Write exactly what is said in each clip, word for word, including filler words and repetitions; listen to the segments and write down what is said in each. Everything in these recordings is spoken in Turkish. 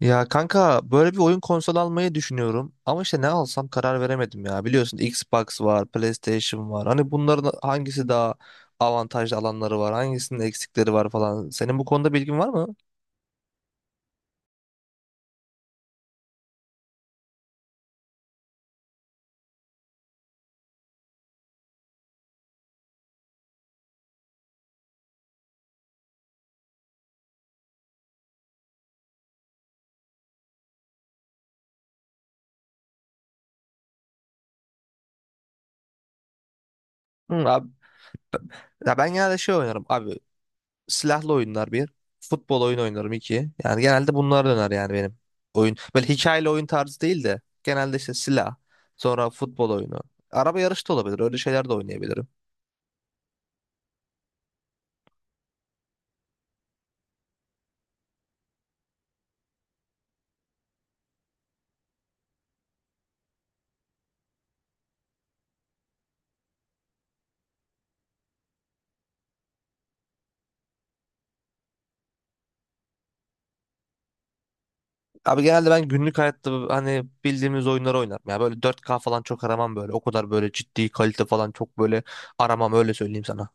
Ya kanka böyle bir oyun konsolu almayı düşünüyorum ama işte ne alsam karar veremedim ya. Biliyorsun Xbox var, PlayStation var. Hani bunların hangisi daha avantajlı alanları var, hangisinin eksikleri var falan. Senin bu konuda bilgin var mı? Hı, abi, ya ben genelde şey oynarım abi. Silahlı oyunlar bir, futbol oyunu oynarım iki. Yani genelde bunlar döner yani benim oyun. Böyle hikayeli oyun tarzı değil de genelde işte silah, sonra futbol oyunu. Araba yarışı da olabilir. Öyle şeyler de oynayabilirim. Abi genelde ben günlük hayatta hani bildiğimiz oyunları oynarım. Ya böyle dört k falan çok aramam böyle. O kadar böyle ciddi kalite falan çok böyle aramam öyle söyleyeyim sana.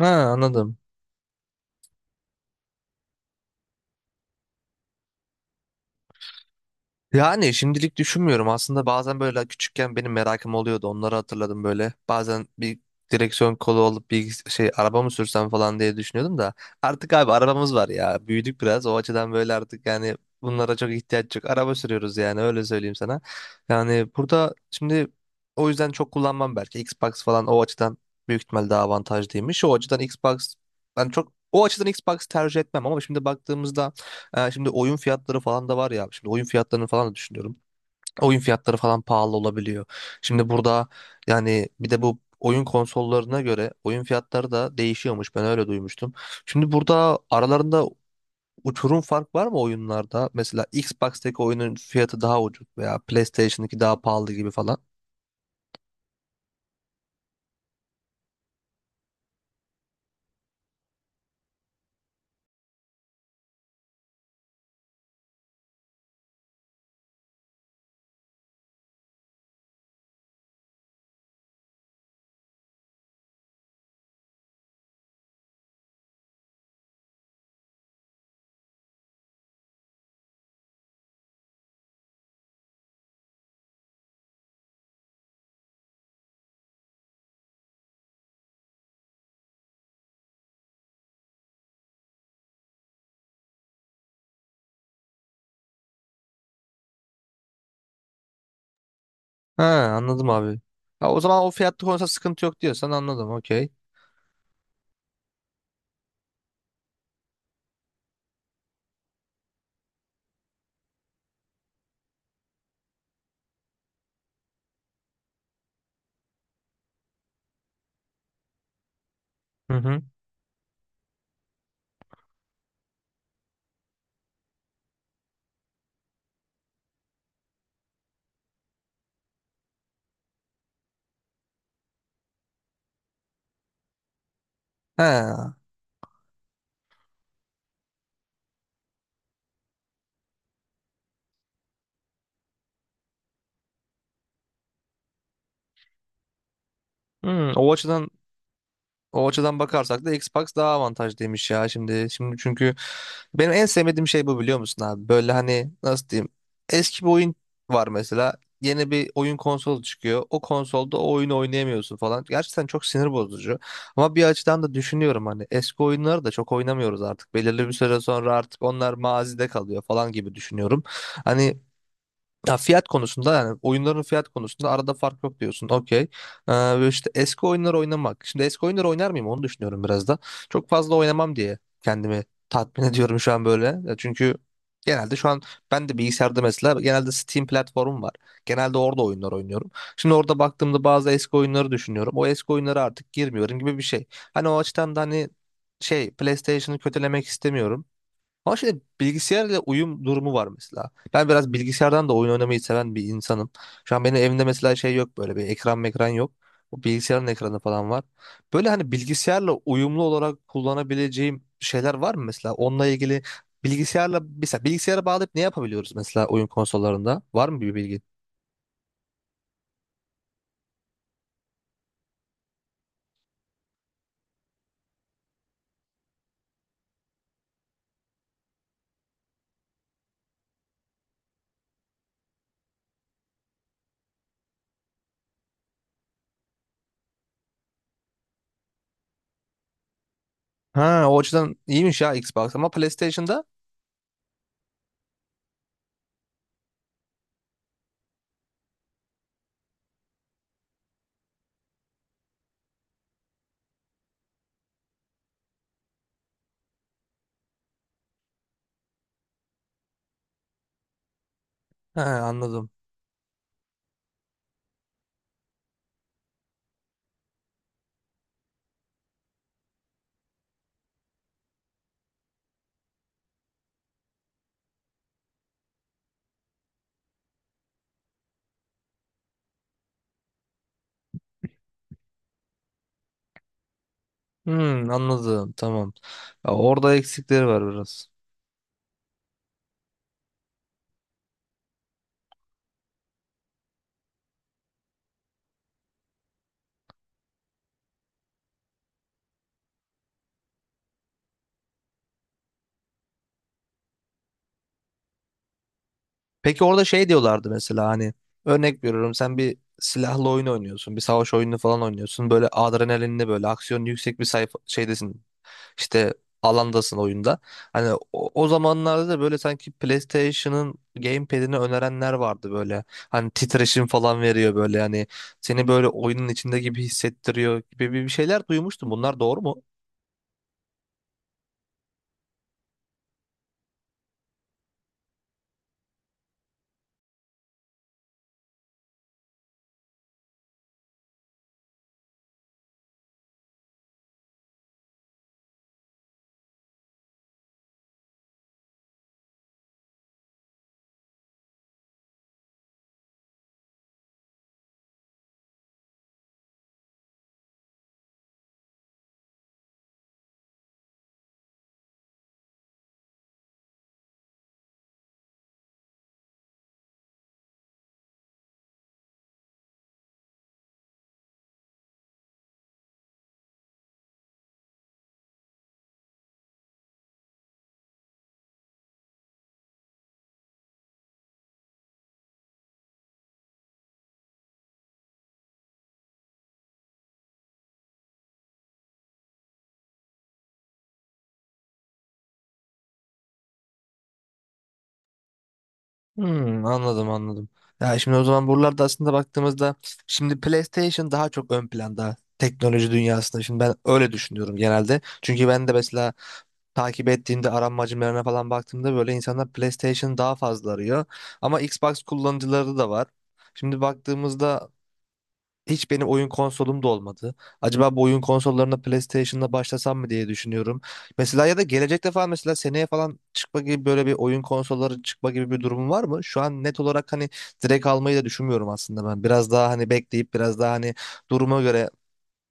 Ha, anladım. Yani şimdilik düşünmüyorum. Aslında bazen böyle küçükken benim merakım oluyordu. Onları hatırladım böyle. Bazen bir direksiyon kolu olup bir şey araba mı sürsem falan diye düşünüyordum da. Artık abi arabamız var ya. Büyüdük biraz. O açıdan böyle artık yani bunlara çok ihtiyaç yok. Araba sürüyoruz yani öyle söyleyeyim sana. Yani burada şimdi o yüzden çok kullanmam belki. Xbox falan o açıdan büyük ihtimal daha avantajlıymış. O açıdan Xbox ben çok o açıdan Xbox tercih etmem ama şimdi baktığımızda ee, şimdi oyun fiyatları falan da var ya. Şimdi oyun fiyatlarını falan da düşünüyorum. Oyun fiyatları falan pahalı olabiliyor. Şimdi burada yani bir de bu oyun konsollarına göre oyun fiyatları da değişiyormuş. Ben öyle duymuştum. Şimdi burada aralarında uçurum fark var mı oyunlarda? Mesela Xbox'taki oyunun fiyatı daha ucuz veya PlayStation'daki daha pahalı gibi falan. Ha, anladım abi. Ha, o zaman o fiyatta konusunda sıkıntı yok diyorsan anladım. Okey. Hı hı. He. Hmm, o açıdan O açıdan bakarsak da Xbox daha avantajlıymış ya şimdi. Şimdi çünkü benim en sevmediğim şey bu biliyor musun abi? Böyle hani nasıl diyeyim? Eski bir oyun var mesela. Yeni bir oyun konsolu çıkıyor. O konsolda o oyunu oynayamıyorsun falan. Gerçekten çok sinir bozucu. Ama bir açıdan da düşünüyorum hani eski oyunları da çok oynamıyoruz artık. Belirli bir süre sonra artık onlar mazide kalıyor falan gibi düşünüyorum. Hani ya fiyat konusunda yani oyunların fiyat konusunda arada fark yok diyorsun. Okey. Ee, ve işte eski oyunları oynamak. Şimdi eski oyunları oynar mıyım onu düşünüyorum biraz da. Çok fazla oynamam diye kendimi tatmin ediyorum şu an böyle. Ya, çünkü genelde şu an ben de bilgisayarda mesela genelde Steam platformum var. Genelde orada oyunlar oynuyorum. Şimdi orada baktığımda bazı eski oyunları düşünüyorum. O eski oyunlara artık girmiyorum gibi bir şey. Hani o açıdan da hani şey PlayStation'ı kötülemek istemiyorum. Ama şimdi bilgisayarla uyum durumu var mesela. Ben biraz bilgisayardan da oyun oynamayı seven bir insanım. Şu an benim evimde mesela şey yok böyle bir ekran mekran yok. O bilgisayarın ekranı falan var. Böyle hani bilgisayarla uyumlu olarak kullanabileceğim şeyler var mı mesela? Onunla ilgili bilgisayarla mesela bilgisayara bağlayıp ne yapabiliyoruz mesela oyun konsollarında? Var mı bir bilgi? Ha, o açıdan iyiymiş ya Xbox ama PlayStation'da? Ha, anladım. Hmm, anladım tamam. Ya orada eksikleri var biraz. Peki orada şey diyorlardı mesela hani örnek veriyorum sen bir silahlı oyun oynuyorsun. Bir savaş oyunu falan oynuyorsun. Böyle adrenalinli böyle aksiyon yüksek bir sayfa şeydesin. İşte alandasın oyunda. Hani o, o zamanlarda da böyle sanki PlayStation'ın gamepad'ini önerenler vardı böyle. Hani titreşim falan veriyor böyle hani seni böyle oyunun içinde gibi hissettiriyor gibi bir şeyler duymuştum. Bunlar doğru mu? Hmm, anladım anladım. Ya şimdi o zaman buralarda aslında baktığımızda şimdi PlayStation daha çok ön planda teknoloji dünyasında. Şimdi ben öyle düşünüyorum genelde. Çünkü ben de mesela takip ettiğimde aranmacılarına falan baktığımda böyle insanlar PlayStation daha fazla arıyor. Ama Xbox kullanıcıları da var. Şimdi baktığımızda hiç benim oyun konsolum da olmadı. Acaba bu oyun konsollarına PlayStation'la başlasam mı diye düşünüyorum. Mesela ya da gelecekte falan mesela seneye falan çıkma gibi böyle bir oyun konsolları çıkma gibi bir durum var mı? Şu an net olarak hani direkt almayı da düşünmüyorum aslında ben. Biraz daha hani bekleyip biraz daha hani duruma göre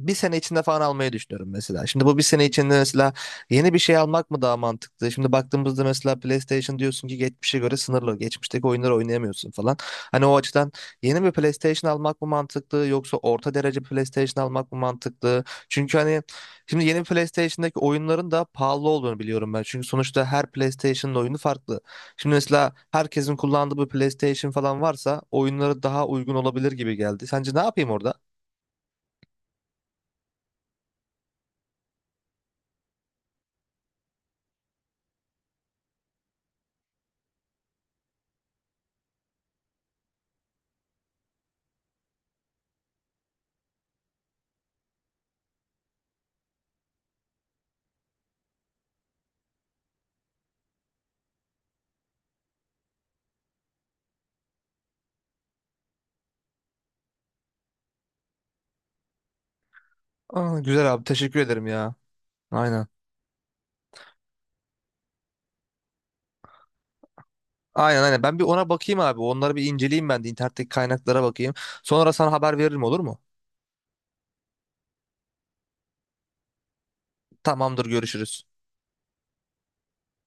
bir sene içinde falan almayı düşünüyorum mesela. Şimdi bu bir sene içinde mesela yeni bir şey almak mı daha mantıklı? Şimdi baktığımızda mesela PlayStation diyorsun ki geçmişe göre sınırlı. Geçmişteki oyunları oynayamıyorsun falan. Hani o açıdan yeni bir PlayStation almak mı mantıklı yoksa orta derece PlayStation almak mı mantıklı? Çünkü hani şimdi yeni PlayStation'daki oyunların da pahalı olduğunu biliyorum ben. Çünkü sonuçta her PlayStation'ın oyunu farklı. Şimdi mesela herkesin kullandığı bir PlayStation falan varsa oyunları daha uygun olabilir gibi geldi. Sence ne yapayım orada? Aa, güzel abi teşekkür ederim ya. Aynen. Aynen aynen. Ben bir ona bakayım abi. Onları bir inceleyeyim ben de internetteki kaynaklara bakayım. Sonra sana haber veririm olur mu? Tamamdır, görüşürüz.